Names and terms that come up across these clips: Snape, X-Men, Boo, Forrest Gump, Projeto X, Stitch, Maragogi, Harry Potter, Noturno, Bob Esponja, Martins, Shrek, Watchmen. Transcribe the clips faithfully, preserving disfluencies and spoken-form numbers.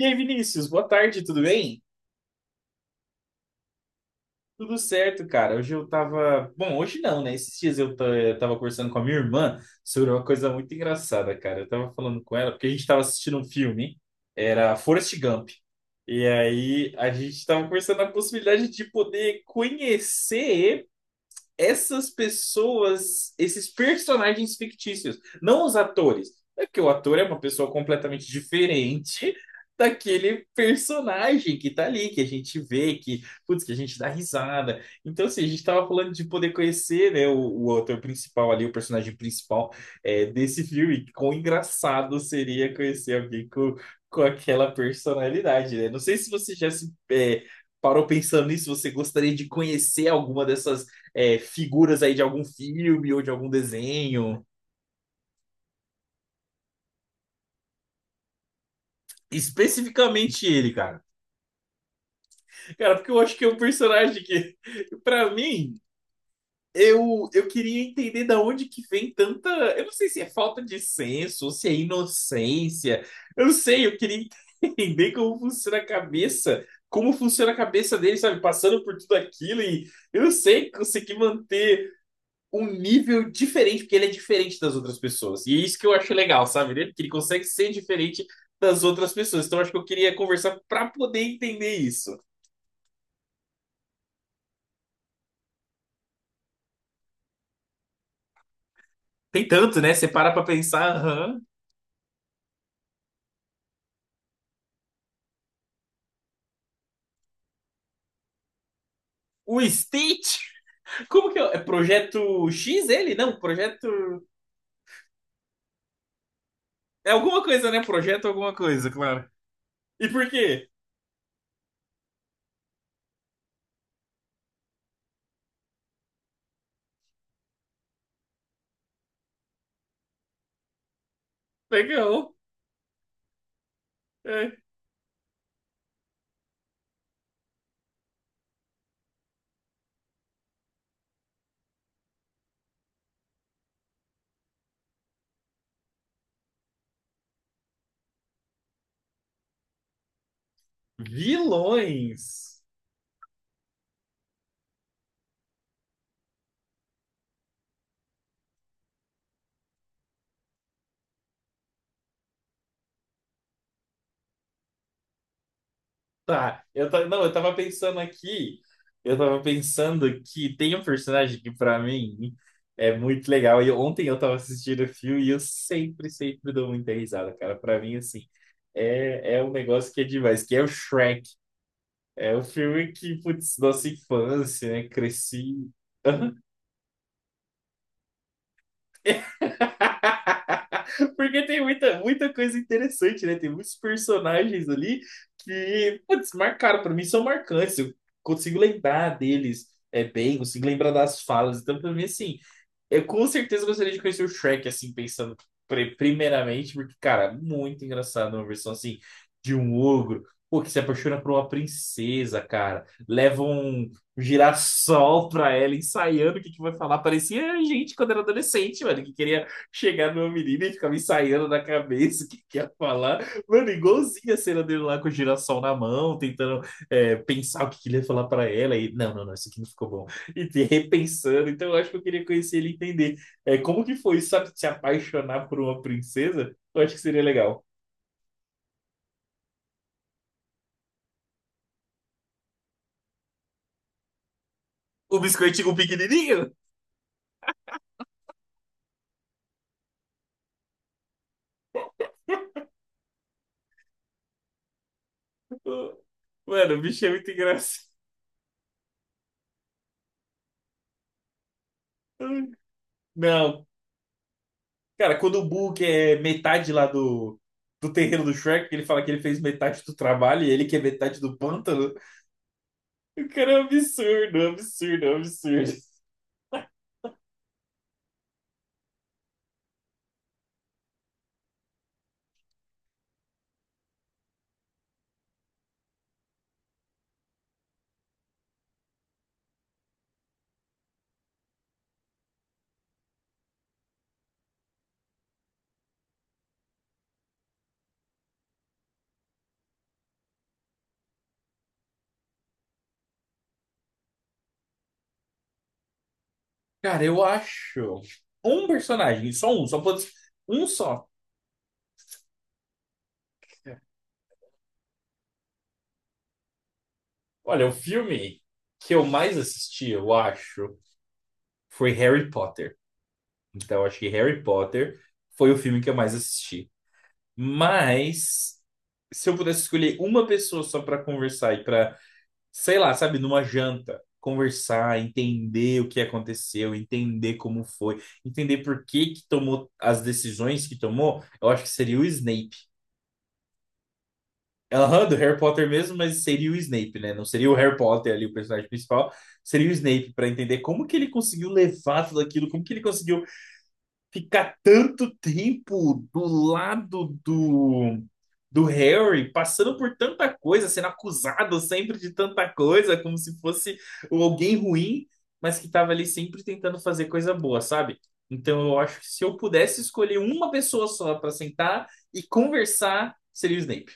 E aí, Vinícius, boa tarde, tudo bem? Tudo certo, cara. Hoje eu tava. Bom, hoje não, né? Esses dias eu, ta- eu tava conversando com a minha irmã sobre uma coisa muito engraçada, cara. Eu tava falando com ela, porque a gente tava assistindo um filme, era Forrest Gump. E aí a gente tava conversando a possibilidade de poder conhecer essas pessoas, esses personagens fictícios, não os atores. É que o ator é uma pessoa completamente diferente daquele personagem que tá ali, que a gente vê, que, putz, que a gente dá risada. Então, assim, a gente tava falando de poder conhecer, né, o, o ator principal ali, o personagem principal é, desse filme. Quão engraçado seria conhecer alguém com, com aquela personalidade, né? Não sei se você já se é, parou pensando nisso, você gostaria de conhecer alguma dessas é, figuras aí de algum filme ou de algum desenho. Especificamente ele, cara. Cara, porque eu acho que é um personagem que, pra mim, eu, eu queria entender da onde que vem tanta. Eu não sei se é falta de senso, ou se é inocência. Eu não sei, eu queria entender como funciona a cabeça. Como funciona a cabeça dele, sabe? Passando por tudo aquilo e eu não sei, conseguir manter um nível diferente, porque ele é diferente das outras pessoas. E é isso que eu acho legal, sabe? Ele, que ele consegue ser diferente das outras pessoas. Então, acho que eu queria conversar para poder entender isso. Tem tanto, né? Você para pra pensar, aham. O Stitch? Como que é? É Projeto X ele? Não, Projeto. É alguma coisa, né? Projeto alguma coisa, claro. E por quê? Legal. É. Vilões. Tá, eu tava não, eu tava pensando aqui, eu tava pensando que tem um personagem que pra mim é muito legal. E ontem eu tava assistindo o filme e eu sempre, sempre dou muita risada, cara. Pra mim, assim, é, é um negócio que é demais, que é o Shrek. É o filme que, putz, nossa infância, né? Cresci. Porque tem muita, muita coisa interessante, né? Tem muitos personagens ali que, putz, marcaram. Pra mim são marcantes. Eu consigo lembrar deles é, bem, consigo lembrar das falas. Então, pra mim, assim, eu com certeza gostaria de conhecer o Shrek, assim, pensando pri- primeiramente, porque, cara, é muito engraçado uma versão assim de um ogro, pô, que se apaixona por uma princesa, cara. Leva um girassol pra ela, ensaiando o que que vai falar. Parecia a gente quando era adolescente, mano, que queria chegar numa menina e ficava ensaiando na cabeça o que que ia falar. Mano, igualzinho a cena dele lá com o girassol na mão, tentando é, pensar o que que ele ia falar pra ela. E, não, não, não, isso aqui não ficou bom e te repensando. Então, eu acho que eu queria conhecer ele e entender é, como que foi, sabe, se apaixonar por uma princesa. Eu acho que seria legal. O biscoitinho o pequenininho? Mano, o bicho é muito engraçado. Não, cara, quando o Boo é metade lá do, do terreno do Shrek, ele fala que ele fez metade do trabalho e ele que é metade do pântano. O cara é um absurdo, é um absurdo, é um absurdo. Cara, eu acho um personagem, só um, só pode, um só. Olha, o filme que eu mais assisti, eu acho, foi Harry Potter. Então, eu acho que Harry Potter foi o filme que eu mais assisti. Mas, se eu pudesse escolher uma pessoa só para conversar e para, sei lá, sabe, numa janta, conversar, entender o que aconteceu, entender como foi, entender por que que tomou as decisões que tomou, eu acho que seria o Snape. Aham, do Harry Potter mesmo, mas seria o Snape, né? Não seria o Harry Potter ali, o personagem principal, seria o Snape, para entender como que ele conseguiu levar tudo aquilo, como que ele conseguiu ficar tanto tempo do lado do, do Harry, passando por tanta coisa, sendo acusado sempre de tanta coisa, como se fosse alguém ruim, mas que estava ali sempre tentando fazer coisa boa, sabe? Então eu acho que se eu pudesse escolher uma pessoa só para sentar e conversar, seria o Snape.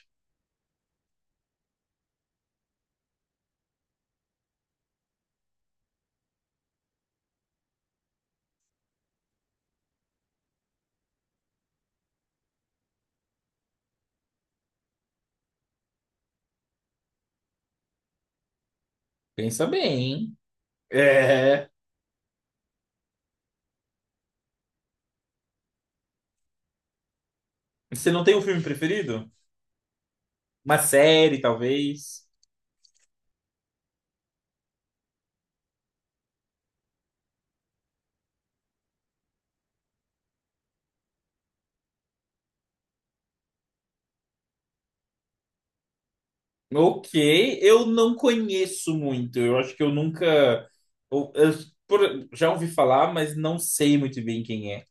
Pensa bem, hein? É. Você não tem um filme preferido? Uma série, talvez? Ok, eu não conheço muito. Eu acho que eu nunca. Eu, eu- por- já ouvi falar, mas não sei muito bem quem é.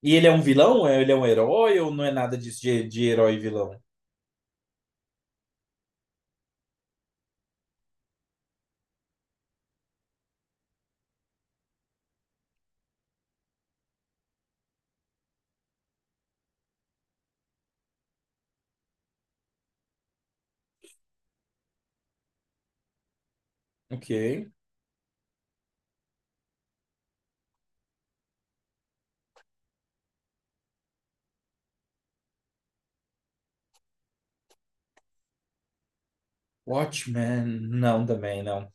E ele é um vilão? É- Ele é um herói ou não é nada disso de, de herói e vilão? Ok. Watchmen? Não, também não.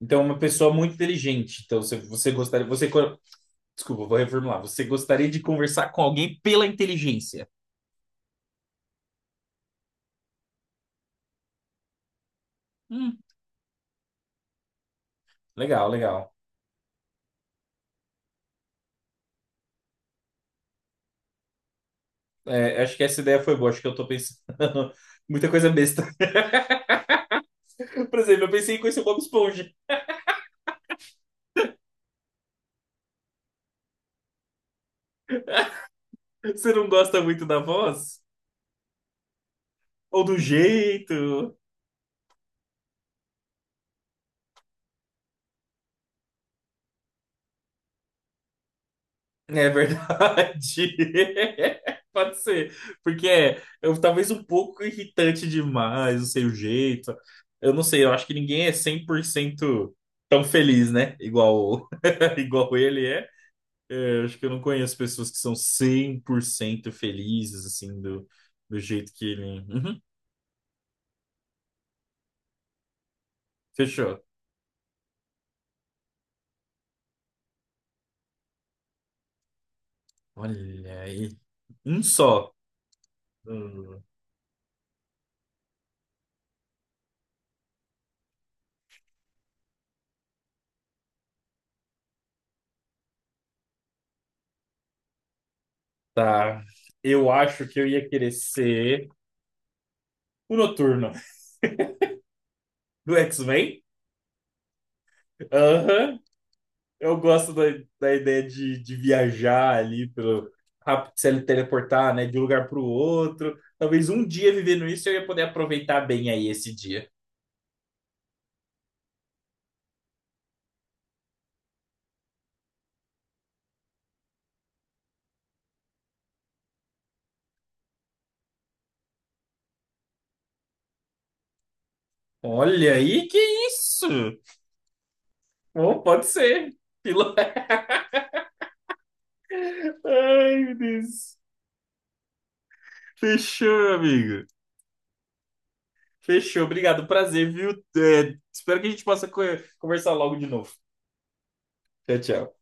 Então, é uma pessoa muito inteligente. Então, você, você gostaria. Você, co- desculpa, vou reformular. Você gostaria de conversar com alguém pela inteligência? Hum, legal, legal. É, acho que essa ideia foi boa. Acho que eu tô pensando muita coisa besta. Por exemplo, eu pensei em conhecer o Bob Esponja. Você não gosta muito da voz? Ou do jeito? É verdade. Pode ser. Porque é, eu, talvez um pouco irritante demais, não sei o jeito. Eu não sei, eu acho que ninguém é cem por cento tão feliz, né? Igual, igual ele é. É, eu acho que eu não conheço pessoas que são cem por cento felizes, assim, do, do jeito que ele. Fechou. Olha aí. Um só. Hum, tá. Eu acho que eu ia querer ser o Noturno do X-Men. Aham. Eu gosto da, da ideia de, de viajar ali pelo rápido se teleportar, né, de um lugar para o outro. Talvez um dia vivendo isso eu ia poder aproveitar bem aí esse dia. Olha aí, que isso? Bom, pode ser. Pila- Ai, meu Deus. Fechou, amigo. Fechou, obrigado, prazer, viu? É, espero que a gente possa co- conversar logo de novo. Tchau, tchau.